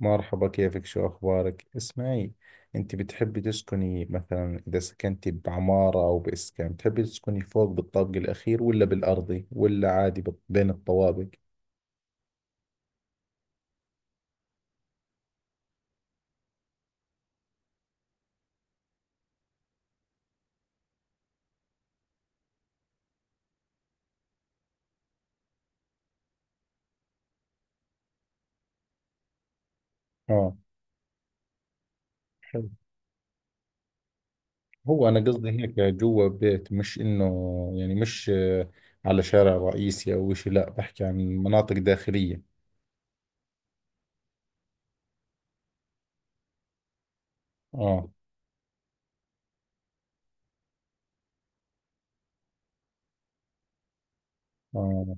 مرحبا، كيفك؟ شو أخبارك؟ اسمعي، أنت بتحبي تسكني مثلا إذا سكنتي بعمارة أو بإسكان، بتحبي تسكني فوق بالطابق الأخير، ولا بالأرضي، ولا عادي بين الطوابق؟ آه، حلو. هو أنا قصدي هيك جوا بيت، مش إنه يعني، مش، على شارع رئيسي أو إشي، لا بحكي عن مناطق داخلية. آه آه،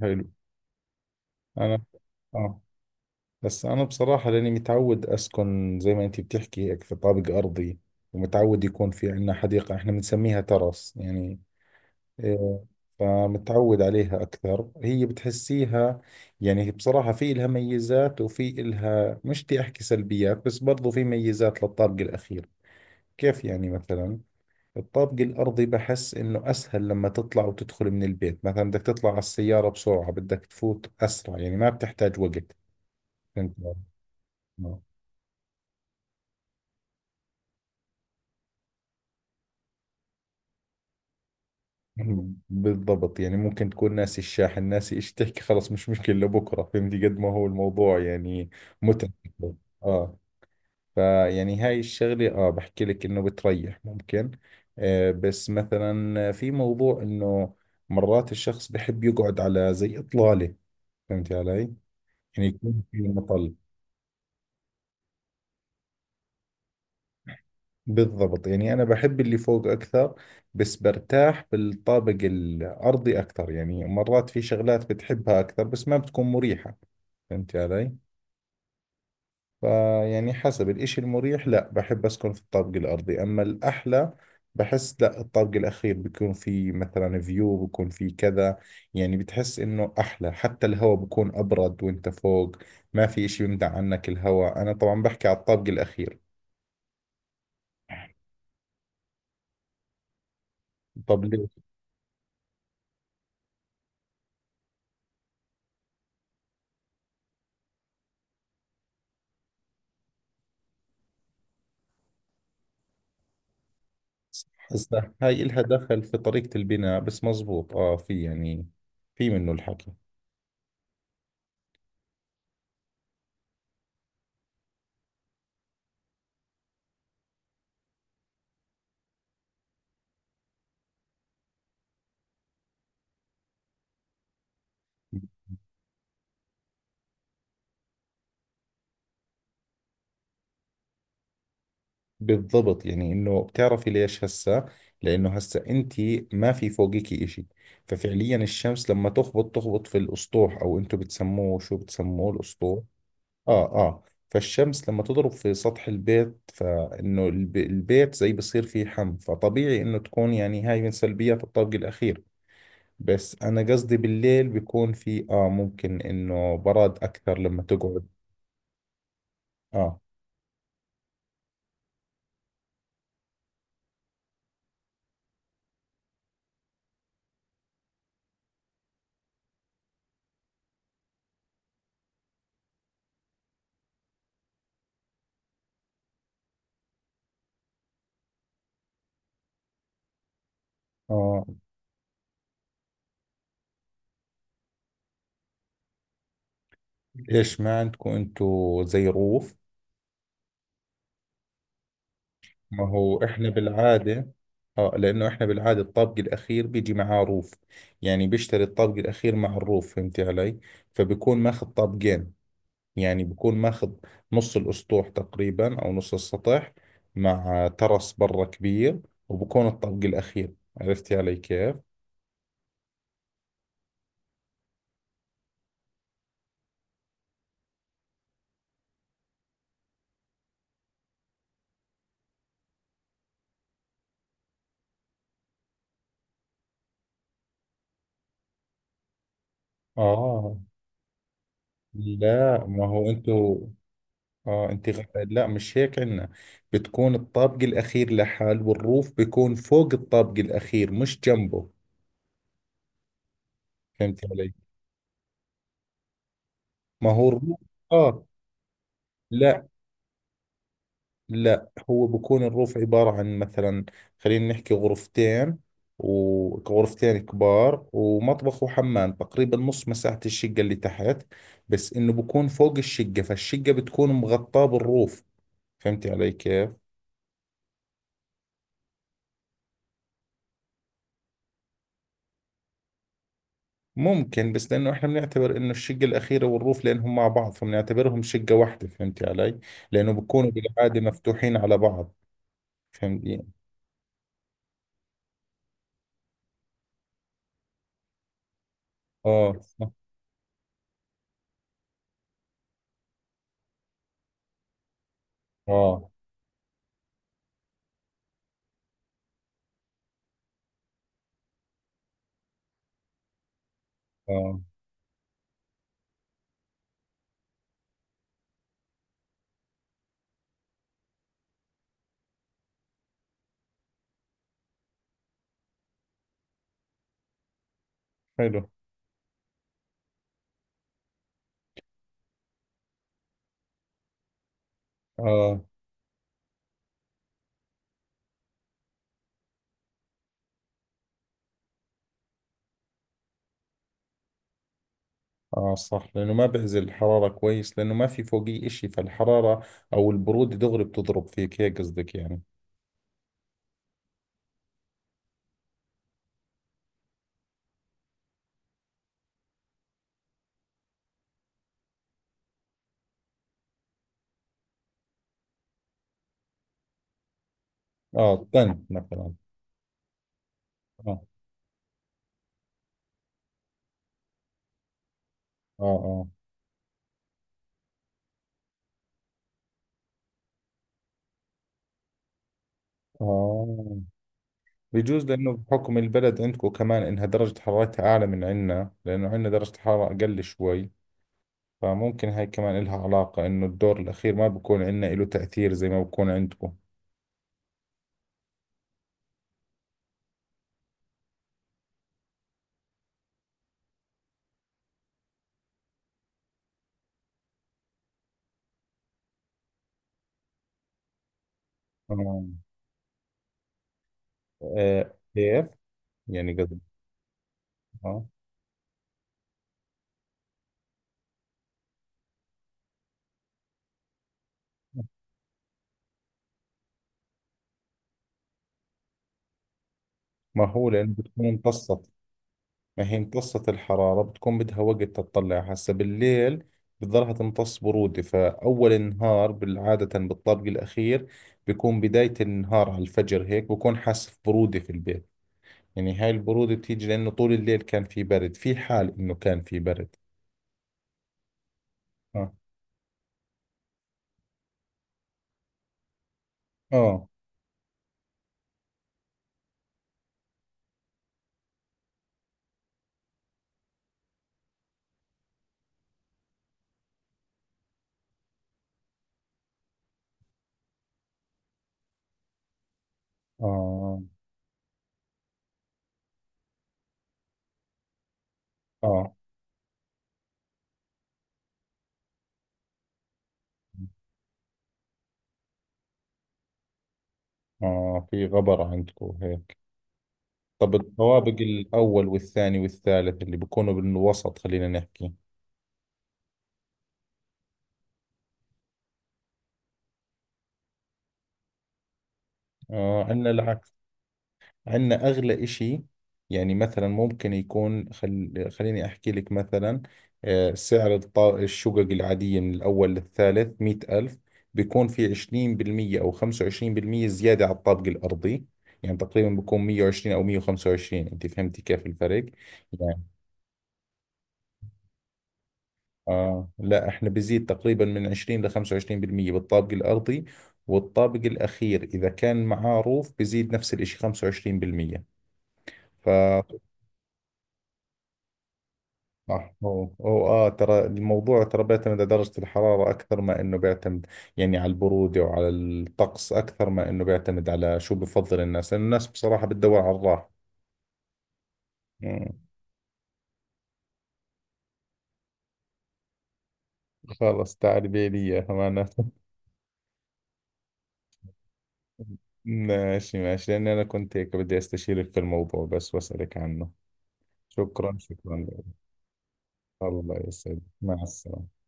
حلو. أنا آه بس أنا بصراحة، لأني متعود أسكن زي ما أنتي بتحكي، هيك في طابق أرضي، ومتعود يكون في عندنا حديقة، إحنا بنسميها ترس يعني. إيه، فمتعود عليها أكثر، هي بتحسيها يعني. بصراحة في إلها ميزات، وفي إلها، مش بدي أحكي سلبيات، بس برضو في ميزات للطابق الأخير. كيف يعني؟ مثلا الطابق الأرضي بحس إنه أسهل لما تطلع وتدخل من البيت، مثلا بدك تطلع على السيارة بسرعة، بدك تفوت أسرع، يعني ما بتحتاج وقت. فهمت. بالضبط، يعني ممكن تكون ناسي الشاحن، ناسي ايش تحكي، خلص مش مشكلة لبكرة، فهمتي قد ما هو الموضوع يعني متعب. اه، فيعني هاي الشغلة، اه، بحكي لك انه بتريح ممكن. آه، بس مثلا في موضوع انه مرات الشخص بحب يقعد على زي اطلالة، فهمتي علي؟ يعني يكون في مطلة. بالضبط، يعني أنا بحب اللي فوق أكثر، بس برتاح بالطابق الأرضي أكثر، يعني مرات في شغلات بتحبها أكثر بس ما بتكون مريحة، فهمت علي؟ فيعني حسب الإشي المريح، لا بحب أسكن في الطابق الأرضي، أما الأحلى، بحس لا، الطابق الأخير بيكون في مثلا فيو، بيكون في كذا، يعني بتحس إنه أحلى. حتى الهواء بيكون أبرد وإنت فوق، ما في إشي يمنع عنك الهواء، أنا طبعا بحكي على الطابق الأخير. طب ليه؟ هسا هاي إلها دخل في طريقة البناء، بس مزبوط، في يعني، في منه الحكي. بالضبط، يعني إنه، بتعرفي ليش هسا؟ لأنه هسا أنت ما في فوقك إشي، ففعليا الشمس لما تخبط تخبط في الأسطوح، أو أنتم بتسموه، شو بتسموه الأسطوح؟ آه آه، فالشمس لما تضرب في سطح البيت فإنه البيت زي بصير فيه حم، فطبيعي إنه تكون، يعني هاي من سلبيات الطابق الأخير. بس أنا قصدي بالليل بيكون في، ممكن إنه برد أكثر لما تقعد. آه آه، ليش ما عندكم أنتوا زي روف؟ ما هو إحنا بالعادة، آه، لأنه إحنا بالعادة الطابق الأخير بيجي معاه روف، يعني بيشتري الطابق الأخير مع الروف، فهمتي علي؟ فبيكون ماخذ طابقين، يعني بيكون ماخذ نص الأسطوح تقريبا أو نص السطح، مع ترس برا كبير، وبكون الطابق الأخير. عرفتي علي كيف؟ آه، لا، ما هو انتوا، اه، لا مش هيك عندنا. بتكون الطابق الاخير لحال، والروف بيكون فوق الطابق الاخير مش جنبه، فهمت علي؟ ما هو الروف، اه لا لا، هو بكون الروف عبارة عن مثلا، خلينا نحكي غرفتين، وغرفتين كبار ومطبخ وحمام، تقريبا نص مساحة الشقة اللي تحت، بس انه بكون فوق الشقة، فالشقة بتكون مغطاة بالروف، فهمتي علي كيف؟ ممكن، بس لانه احنا بنعتبر انه الشقه الاخيره والروف، لانهم مع بعض فبنعتبرهم شقه واحده، فهمتي علي؟ لانه بكونوا بالعاده مفتوحين على بعض. فهمتي؟ اه، صح. اه اه، حلو. اه اه، صح، لانه ما بعزل الحراره كويس، لانه ما في فوقيه اشي، فالحراره او البروده دغري بتضرب فيك هيك، قصدك يعني؟ اه، تن مثلا. اه اه اه اه. بجوز، لأنه بحكم البلد عندكم كمان إنها درجة حرارتها أعلى من عنا، لأنه عنا درجة حرارة أقل شوي، فممكن هاي كمان إلها علاقة إنه الدور الأخير ما بكون عندنا إله تأثير زي ما بكون عندكم. آه. آه، كيف؟ يعني قصدي، آه ما هو لأنه بتكون امتصت. ما هي امتصت الحرارة، بتكون بدها وقت تطلع هسا بالليل، بتضلها تمتص برودة، فأول النهار بالعادة بالطابق الأخير بيكون بداية النهار على الفجر هيك، بكون حاسس برودة في البيت. يعني هاي البرودة بتيجي لأنه طول الليل كان في برد، في حال إنه كان في برد. آه آه آه آه آه، في غبرة عندكم هيك. طب الطوابق الأول والثاني والثالث اللي بيكونوا بالوسط، خلينا نحكي، آه، عندنا العكس. عندنا أغلى إشي، يعني مثلا ممكن يكون، خليني أحكي لك مثلا. آه، سعر الشقق العادية من الأول للثالث مئة ألف، بيكون في عشرين بالمية أو خمسة وعشرين بالمية زيادة على الطابق الأرضي، يعني تقريبا بيكون مية وعشرين أو مية وخمسة وعشرين، أنت فهمتي كيف الفرق؟ يعني لا احنا بيزيد تقريبا من 20 ل 25% بالطابق الأرضي، والطابق الأخير إذا كان معاه روف بيزيد نفس الإشي 25%. ف صح، هو ترى الموضوع، ترى بيعتمد على درجة الحرارة أكثر ما إنه بيعتمد، يعني على البرودة وعلى الطقس، أكثر ما إنه بيعتمد على شو بفضل الناس، لأن الناس بصراحة بتدور على الراحة. مم. خلص، تعال بيلي إياها معناته ماشي ماشي، لأني أنا كنت هيك بدي أستشيرك في الموضوع بس، وأسألك عنه. شكرا، شكرا لك. الله يسعدك، مع السلامة.